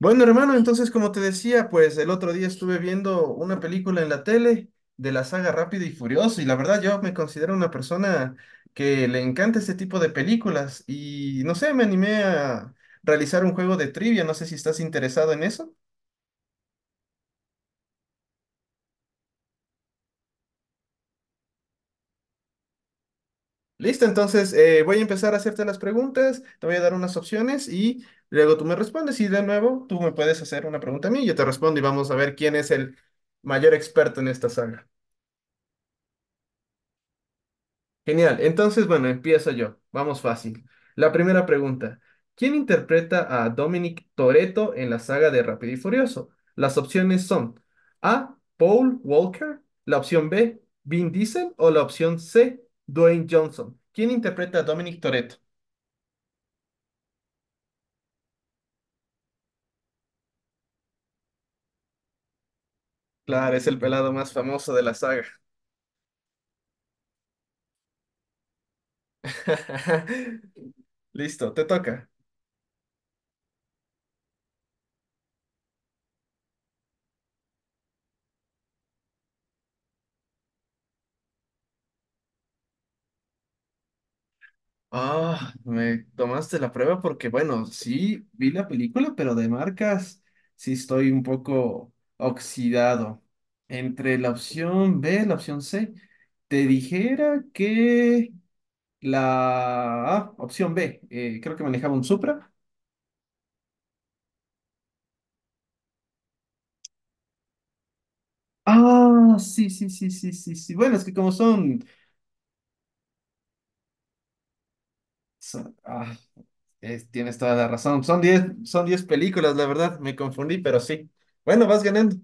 Bueno, hermano, entonces como te decía, pues el otro día estuve viendo una película en la tele de la saga Rápido y Furioso y la verdad yo me considero una persona que le encanta este tipo de películas y no sé, me animé a realizar un juego de trivia, no sé si estás interesado en eso. Listo, entonces voy a empezar a hacerte las preguntas, te voy a dar unas opciones y luego tú me respondes y de nuevo tú me puedes hacer una pregunta a mí, yo te respondo y vamos a ver quién es el mayor experto en esta saga. Genial. Entonces, bueno, empiezo yo. Vamos fácil. La primera pregunta. ¿Quién interpreta a Dominic Toretto en la saga de Rápido y Furioso? Las opciones son A. Paul Walker, la opción B. Vin Diesel o la opción C. Dwayne Johnson. ¿Quién interpreta a Dominic Toretto? Claro, es el pelado más famoso de la saga. Listo, te toca. Ah, me tomaste la prueba porque, bueno, sí vi la película, pero de marcas sí estoy un poco oxidado. Entre la opción B, la opción C, te dijera que la opción B, creo que manejaba un Supra. Ah, sí, sí, sí, sí, sí, sí. Bueno, es que como son, son- ah, es- tienes toda la razón. Son diez películas, la verdad, me confundí, pero sí. Bueno, vas ganando.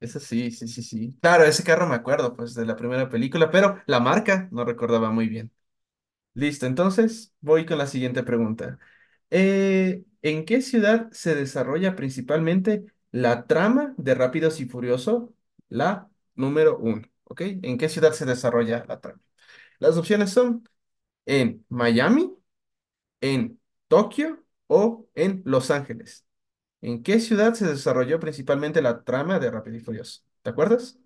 Eso sí, sí, sí, sí. Claro, ese carro me acuerdo, pues, de la primera película, pero la marca no recordaba muy bien. Listo, entonces voy con la siguiente pregunta. ¿En qué ciudad se desarrolla principalmente la trama de Rápidos y Furioso, la número uno? ¿Ok? ¿En qué ciudad se desarrolla la trama? Las opciones son en Miami, en Tokio o en Los Ángeles. ¿En qué ciudad se desarrolló principalmente la trama de Rápido y Furioso? ¿Te acuerdas?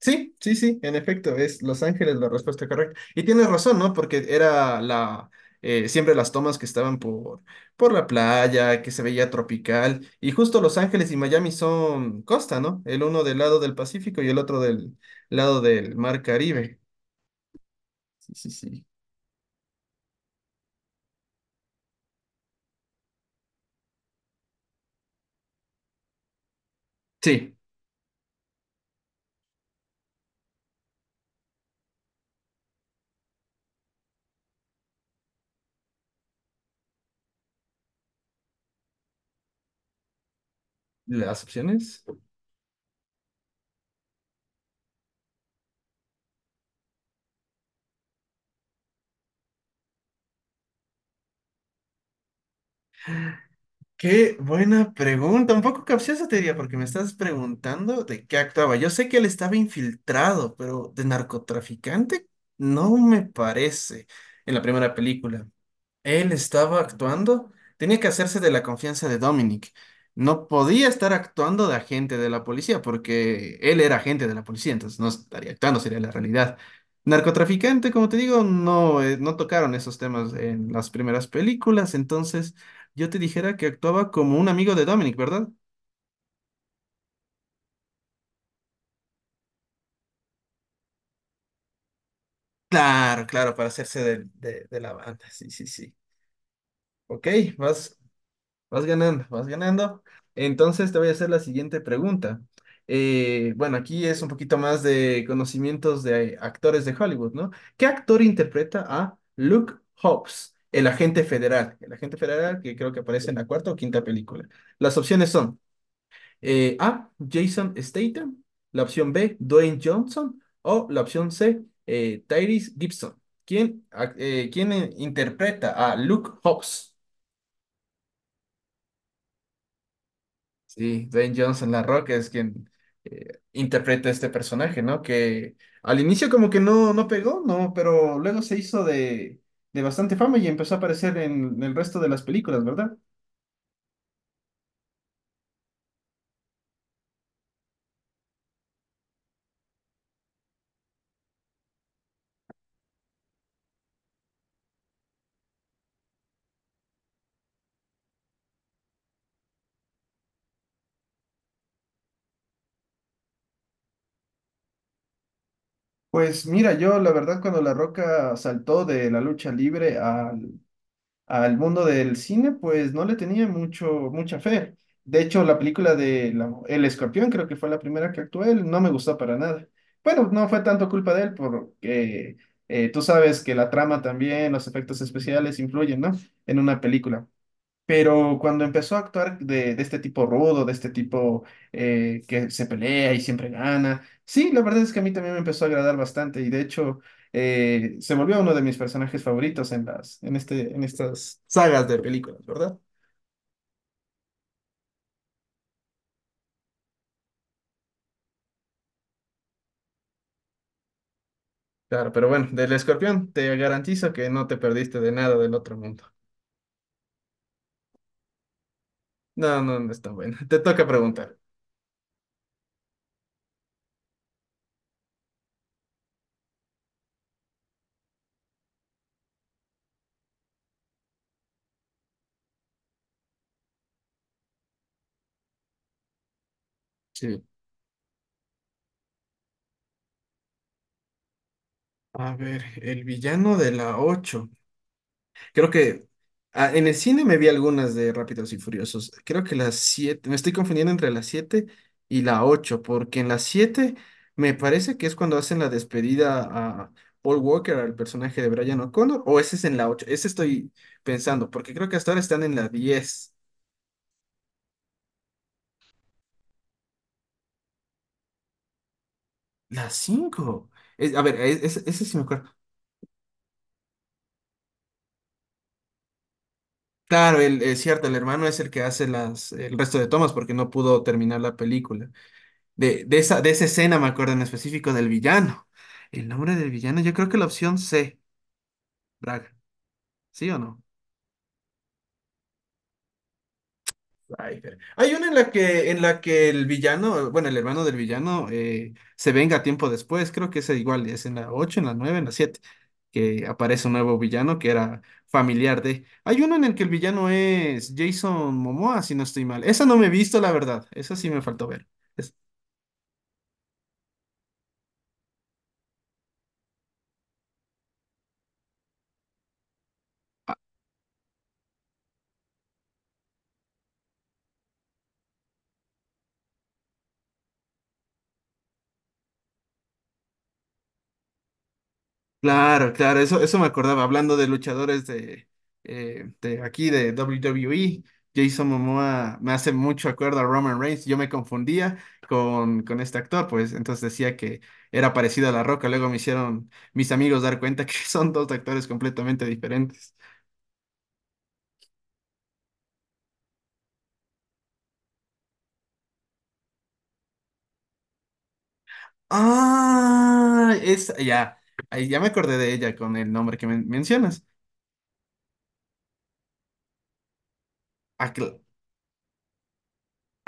Sí, sí, sí, en efecto, es Los Ángeles la respuesta correcta. Y tienes razón, ¿no? Porque era la siempre las tomas que estaban por la playa, que se veía tropical. Y justo Los Ángeles y Miami son costa, ¿no? El uno del lado del Pacífico y el otro del lado del Mar Caribe. Sí, sí, sí. Sí, las opciones. Qué buena pregunta, un poco capciosa te diría, porque me estás preguntando de qué actuaba. Yo sé que él estaba infiltrado, pero de narcotraficante no me parece en la primera película. Él estaba actuando, tenía que hacerse de la confianza de Dominic. No podía estar actuando de agente de la policía porque él era agente de la policía, entonces no estaría actuando, sería la realidad. Narcotraficante, como te digo, no, no tocaron esos temas en las primeras películas, entonces yo te dijera que actuaba como un amigo de Dominic, ¿verdad? Claro, claro, para hacerse de, de la banda, sí, sí, sí. Ok, vas. Vas ganando, vas ganando. Entonces te voy a hacer la siguiente pregunta. Bueno, aquí es un poquito más de conocimientos de actores de Hollywood, ¿no? ¿Qué actor interpreta a Luke Hobbs, el agente federal? El agente federal que creo que aparece en la cuarta o quinta película. Las opciones son A, Jason Statham, la opción B, Dwayne Johnson o la opción C, Tyrese Gibson. ¿Quién interpreta a Luke Hobbs? Sí, Dwayne Johnson, La Roca es quien interpreta este personaje, ¿no? Que al inicio como que no pegó, ¿no? Pero luego se hizo de bastante fama y empezó a aparecer en el resto de las películas, ¿verdad? Pues mira, yo la verdad cuando La Roca saltó de la lucha libre a al mundo del cine, pues no le tenía mucho, mucha fe. De hecho, la película El Escorpión creo que fue la primera que actué, él no me gustó para nada. Bueno, no fue tanto culpa de él porque tú sabes que la trama también, los efectos especiales influyen, ¿no? En una película. Pero cuando empezó a actuar de este tipo rudo, de este tipo que se pelea y siempre gana, sí, la verdad es que a mí también me empezó a agradar bastante y de hecho se volvió uno de mis personajes favoritos en las, en este, en estas sagas de películas, ¿verdad? Claro, pero bueno, del escorpión te garantizo que no te perdiste de nada del otro mundo. No, no, no es tan bueno. Te toca preguntar. Sí. A ver, el villano de la ocho. Creo que en el cine me vi algunas de Rápidos y Furiosos. Creo que las 7 me estoy confundiendo entre las 7 y la 8 porque en las 7 me parece que es cuando hacen la despedida a Paul Walker, al personaje de Brian O'Connor, o ese es en la ocho, ese estoy pensando, porque creo que hasta ahora están en la 10. La cinco. A ver, ese sí me acuerdo. Claro, es cierto, el hermano es el que hace el resto de tomas porque no pudo terminar la película. De esa escena me acuerdo en específico del villano. El nombre del villano, yo creo que la opción C, Braga. ¿Sí o no? Rider. Hay una en la que el villano, bueno, el hermano del villano, se venga tiempo después, creo que es igual, es en la ocho, en la nueve, en la 7 que aparece un nuevo villano que era familiar de... Hay uno en el que el villano es Jason Momoa, si no estoy mal. Esa no me he visto, la verdad, esa sí me faltó ver. Claro, claro, eso me acordaba, hablando de luchadores de aquí de WWE. Jason Momoa me hace mucho acuerdo a Roman Reigns, yo me confundía con este actor, pues entonces decía que era parecido a La Roca, luego me hicieron mis amigos dar cuenta que son dos actores completamente diferentes. Ah, ya, ahí ya me acordé de ella con el nombre que mencionas.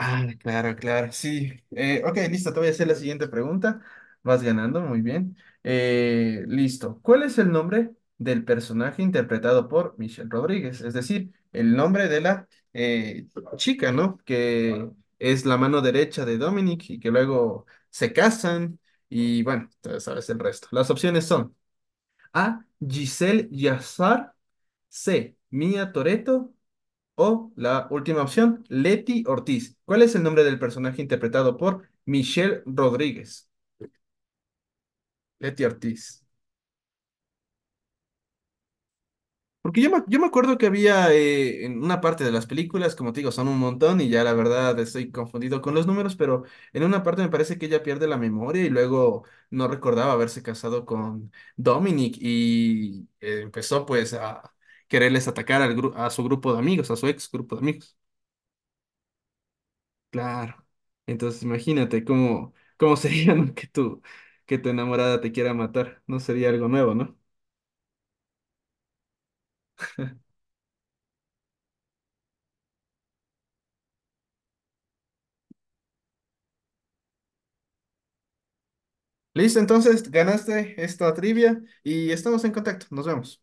Ah, claro, claro, sí. Ok, listo, te voy a hacer la siguiente pregunta. Vas ganando, muy bien. Listo. ¿Cuál es el nombre del personaje interpretado por Michelle Rodríguez? Es decir, el nombre de la eh, chica, ¿no? Que es la mano derecha de Dominic y que luego se casan y bueno, tú sabes el resto. Las opciones son A, Giselle Yazar, C, Mia Toretto o la última opción, Leti Ortiz. ¿Cuál es el nombre del personaje interpretado por Michelle Rodríguez? Leti Ortiz. Porque yo me acuerdo que había en una parte de las películas, como te digo, son un montón y ya la verdad estoy confundido con los números, pero en una parte me parece que ella pierde la memoria y luego no recordaba haberse casado con Dominic y empezó pues a quererles atacar a su grupo de amigos, a su ex grupo de amigos. Claro. Entonces imagínate cómo sería, ¿no? que tu enamorada te quiera matar. No sería algo nuevo, ¿no? Listo, entonces ganaste esta trivia y estamos en contacto. Nos vemos.